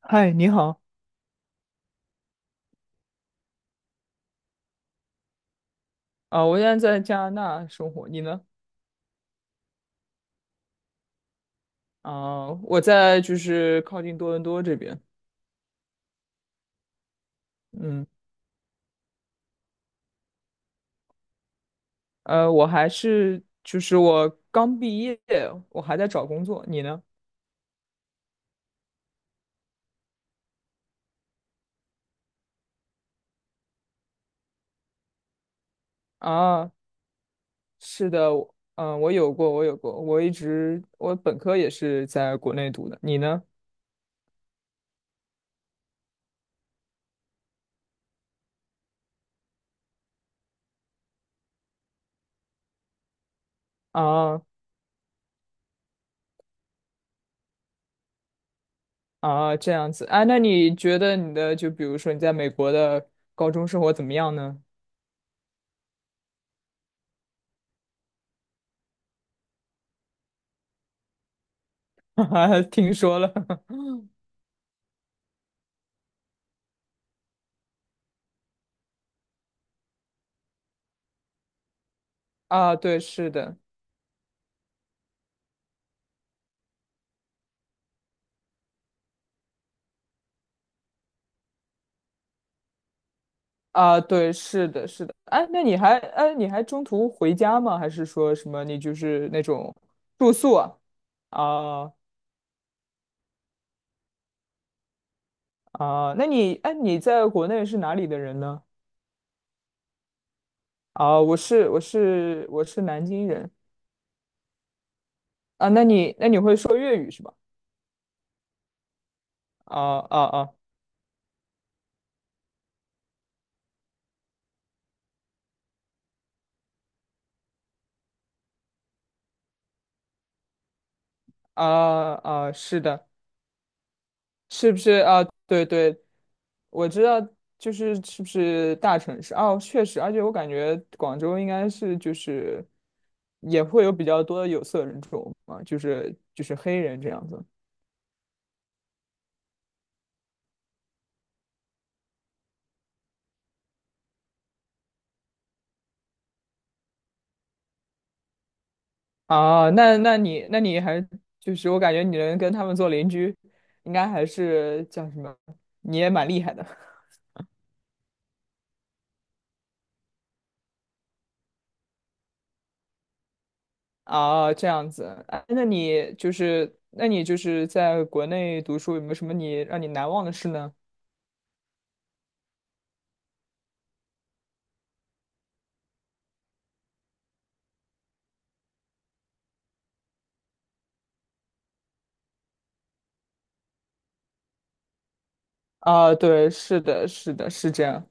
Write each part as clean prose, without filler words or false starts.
嗨，你好啊，我现在在加拿大生活，你呢？啊，我在就是靠近多伦多这边，嗯，我还是就是我刚毕业，我还在找工作，你呢？啊，是的，嗯，我有过，我一直我本科也是在国内读的，你呢？啊啊，这样子，啊，那你觉得就比如说你在美国的高中生活怎么样呢？哈哈，听说了 啊，对，是的。啊，对，是的，是的。哎，那你还哎，你还中途回家吗？还是说什么你就是那种住宿啊？啊啊，那你哎，你在国内是哪里的人呢？啊，我是南京人啊。那你会说粤语是吧？啊啊啊啊啊，是的。是不是啊？对对，我知道，就是是不是大城市哦，确实，而且我感觉广州应该是就是也会有比较多的有色人种嘛，就是黑人这样子啊。那那你那你还就是我感觉你能跟他们做邻居，应该还是叫什么？你也蛮厉害的 啊，这样子。哎那你就是在国内读书，有没有什么让你难忘的事呢？啊，对，是的，是的，是这样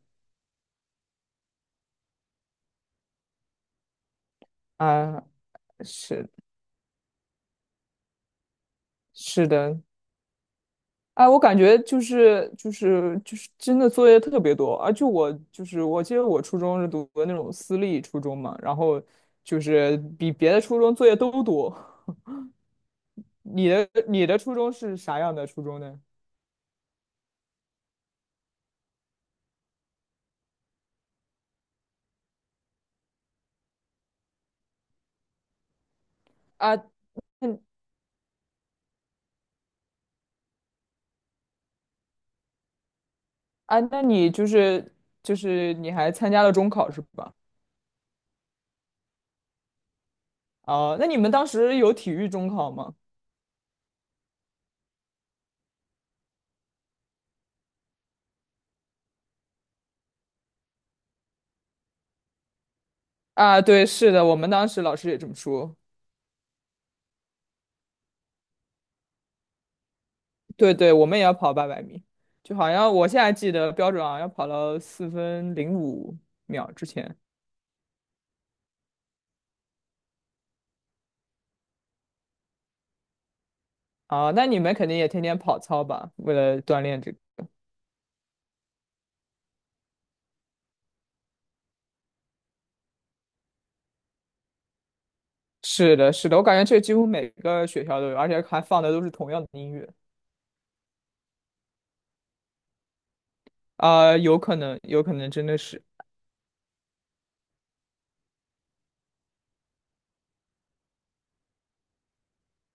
啊，是是的，哎，我感觉就是真的作业特别多，而且我就是我记得我初中是读的那种私立初中嘛，然后就是比别的初中作业都多。你的初中是啥样的初中呢？啊，那啊，那你就是就是你还参加了中考是吧？哦，那你们当时有体育中考吗？啊，对，是的，我们当时老师也这么说。对对，我们也要跑800米，就好像我现在记得标准好像要跑到4分05秒之前啊。那你们肯定也天天跑操吧？为了锻炼这个。是的，是的，我感觉这几乎每个学校都有，而且还放的都是同样的音乐啊，有可能，有可能真的是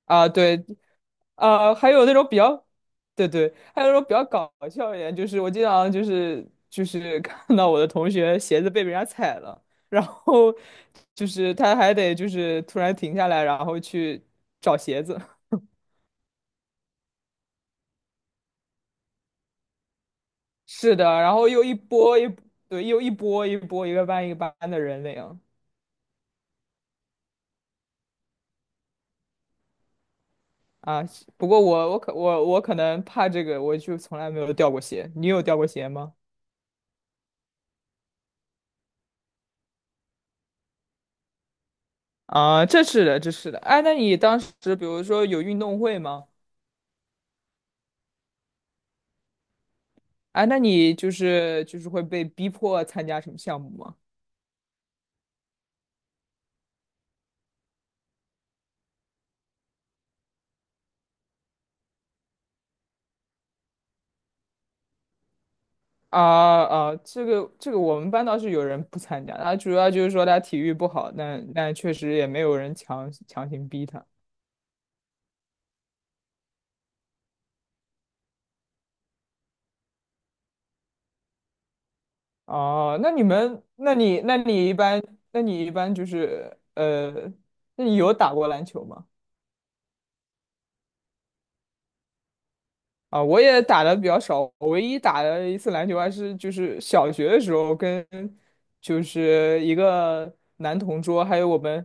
啊，对，还有那种比较，对对，还有那种比较搞笑一点，就是我经常就是看到我的同学鞋子被别人家踩了，然后就是他还得就是突然停下来，然后去找鞋子。是的，然后又一波一，对，又一波一波一个班一个班的人那样啊。是不过我可能怕这个，我就从来没有掉过鞋。你有掉过鞋吗？啊，这是的，这是的。哎，那你当时比如说有运动会吗？哎，那你就是会被逼迫参加什么项目吗？啊啊，这个我们班倒是有人不参加，他主要就是说他体育不好，但确实也没有人强行逼他。哦，那你们，那你那你一般，那你一般就是呃，那你有打过篮球吗？啊，我也打的比较少，我唯一打的一次篮球还是就是小学的时候跟就是一个男同桌，还有我们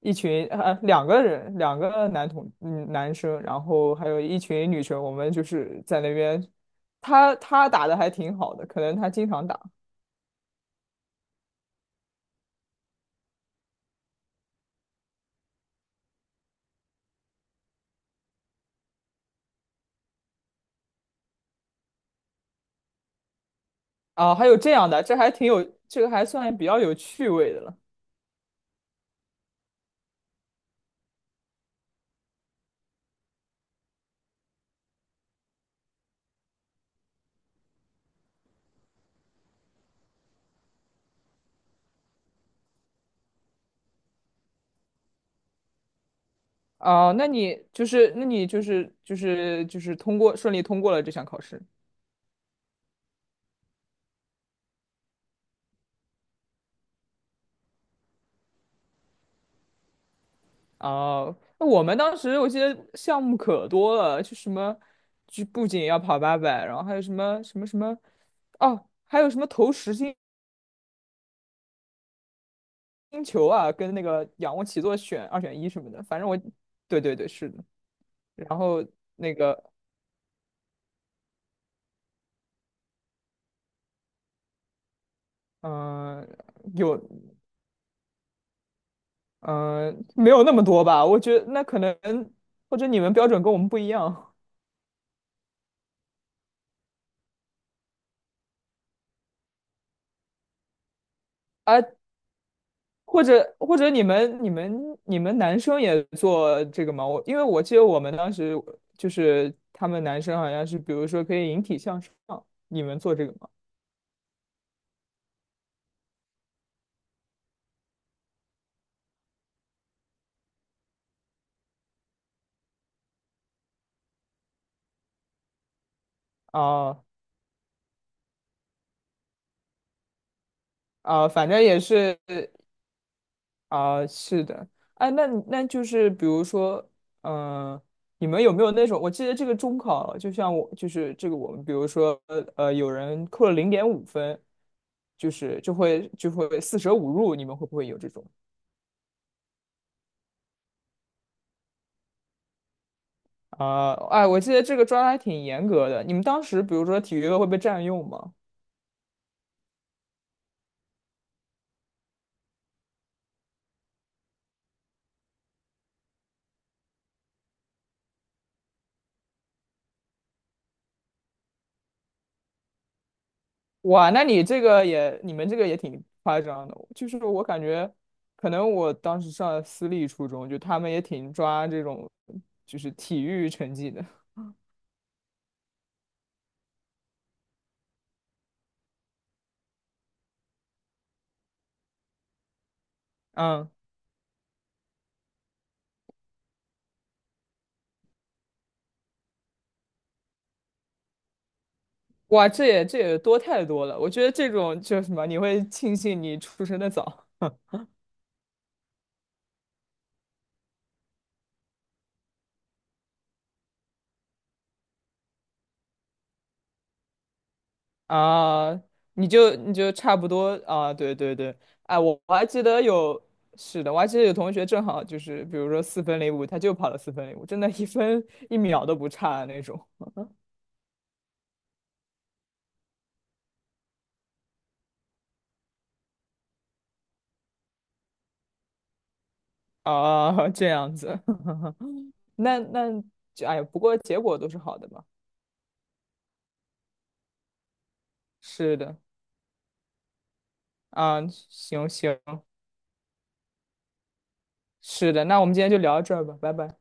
一群啊两个人，两个男同嗯男生，然后还有一群女生，我们就是在那边，他打的还挺好的，可能他经常打啊，还有这样的，这还挺有，这个还算比较有趣味的了啊，那你就是那你就是就是就是通过顺利通过了这项考试。哦，那我们当时我记得项目可多了，就什么，就不仅要跑八百，然后还有什么什么什么，哦，还有什么投实心球啊，跟那个仰卧起坐选二选一什么的，反正我，对对对，是的。然后那个，嗯、有，嗯、没有那么多吧？我觉得那可能或者你们标准跟我们不一样。啊。或者你们男生也做这个吗？我因为我记得我们当时就是他们男生好像是，比如说可以引体向上，你们做这个吗？啊啊，反正也是啊，是的。哎，那就是比如说，嗯、你们有没有那种？我记得这个中考，就像我就是这个我们，比如说有人扣了0.5分，就是就会四舍五入，你们会不会有这种？啊，哎，我记得这个抓的还挺严格的。你们当时，比如说体育课会被占用吗？哇，那你这个也，你们这个也挺夸张的。就是我感觉，可能我当时上的私立初中，就他们也挺抓这种，就是体育成绩的。嗯，哇，这也多太多了。我觉得这种就是什么，你会庆幸你出生的早。啊，你就差不多啊，对对对，哎，我还记得有，是的，我还记得有同学正好就是，比如说四分零五，他就跑了四分零五，真的一分一秒都不差的那种啊，这样子，那就哎呀，不过结果都是好的吧？是的啊，行行，是的，那我们今天就聊到这儿吧，拜拜。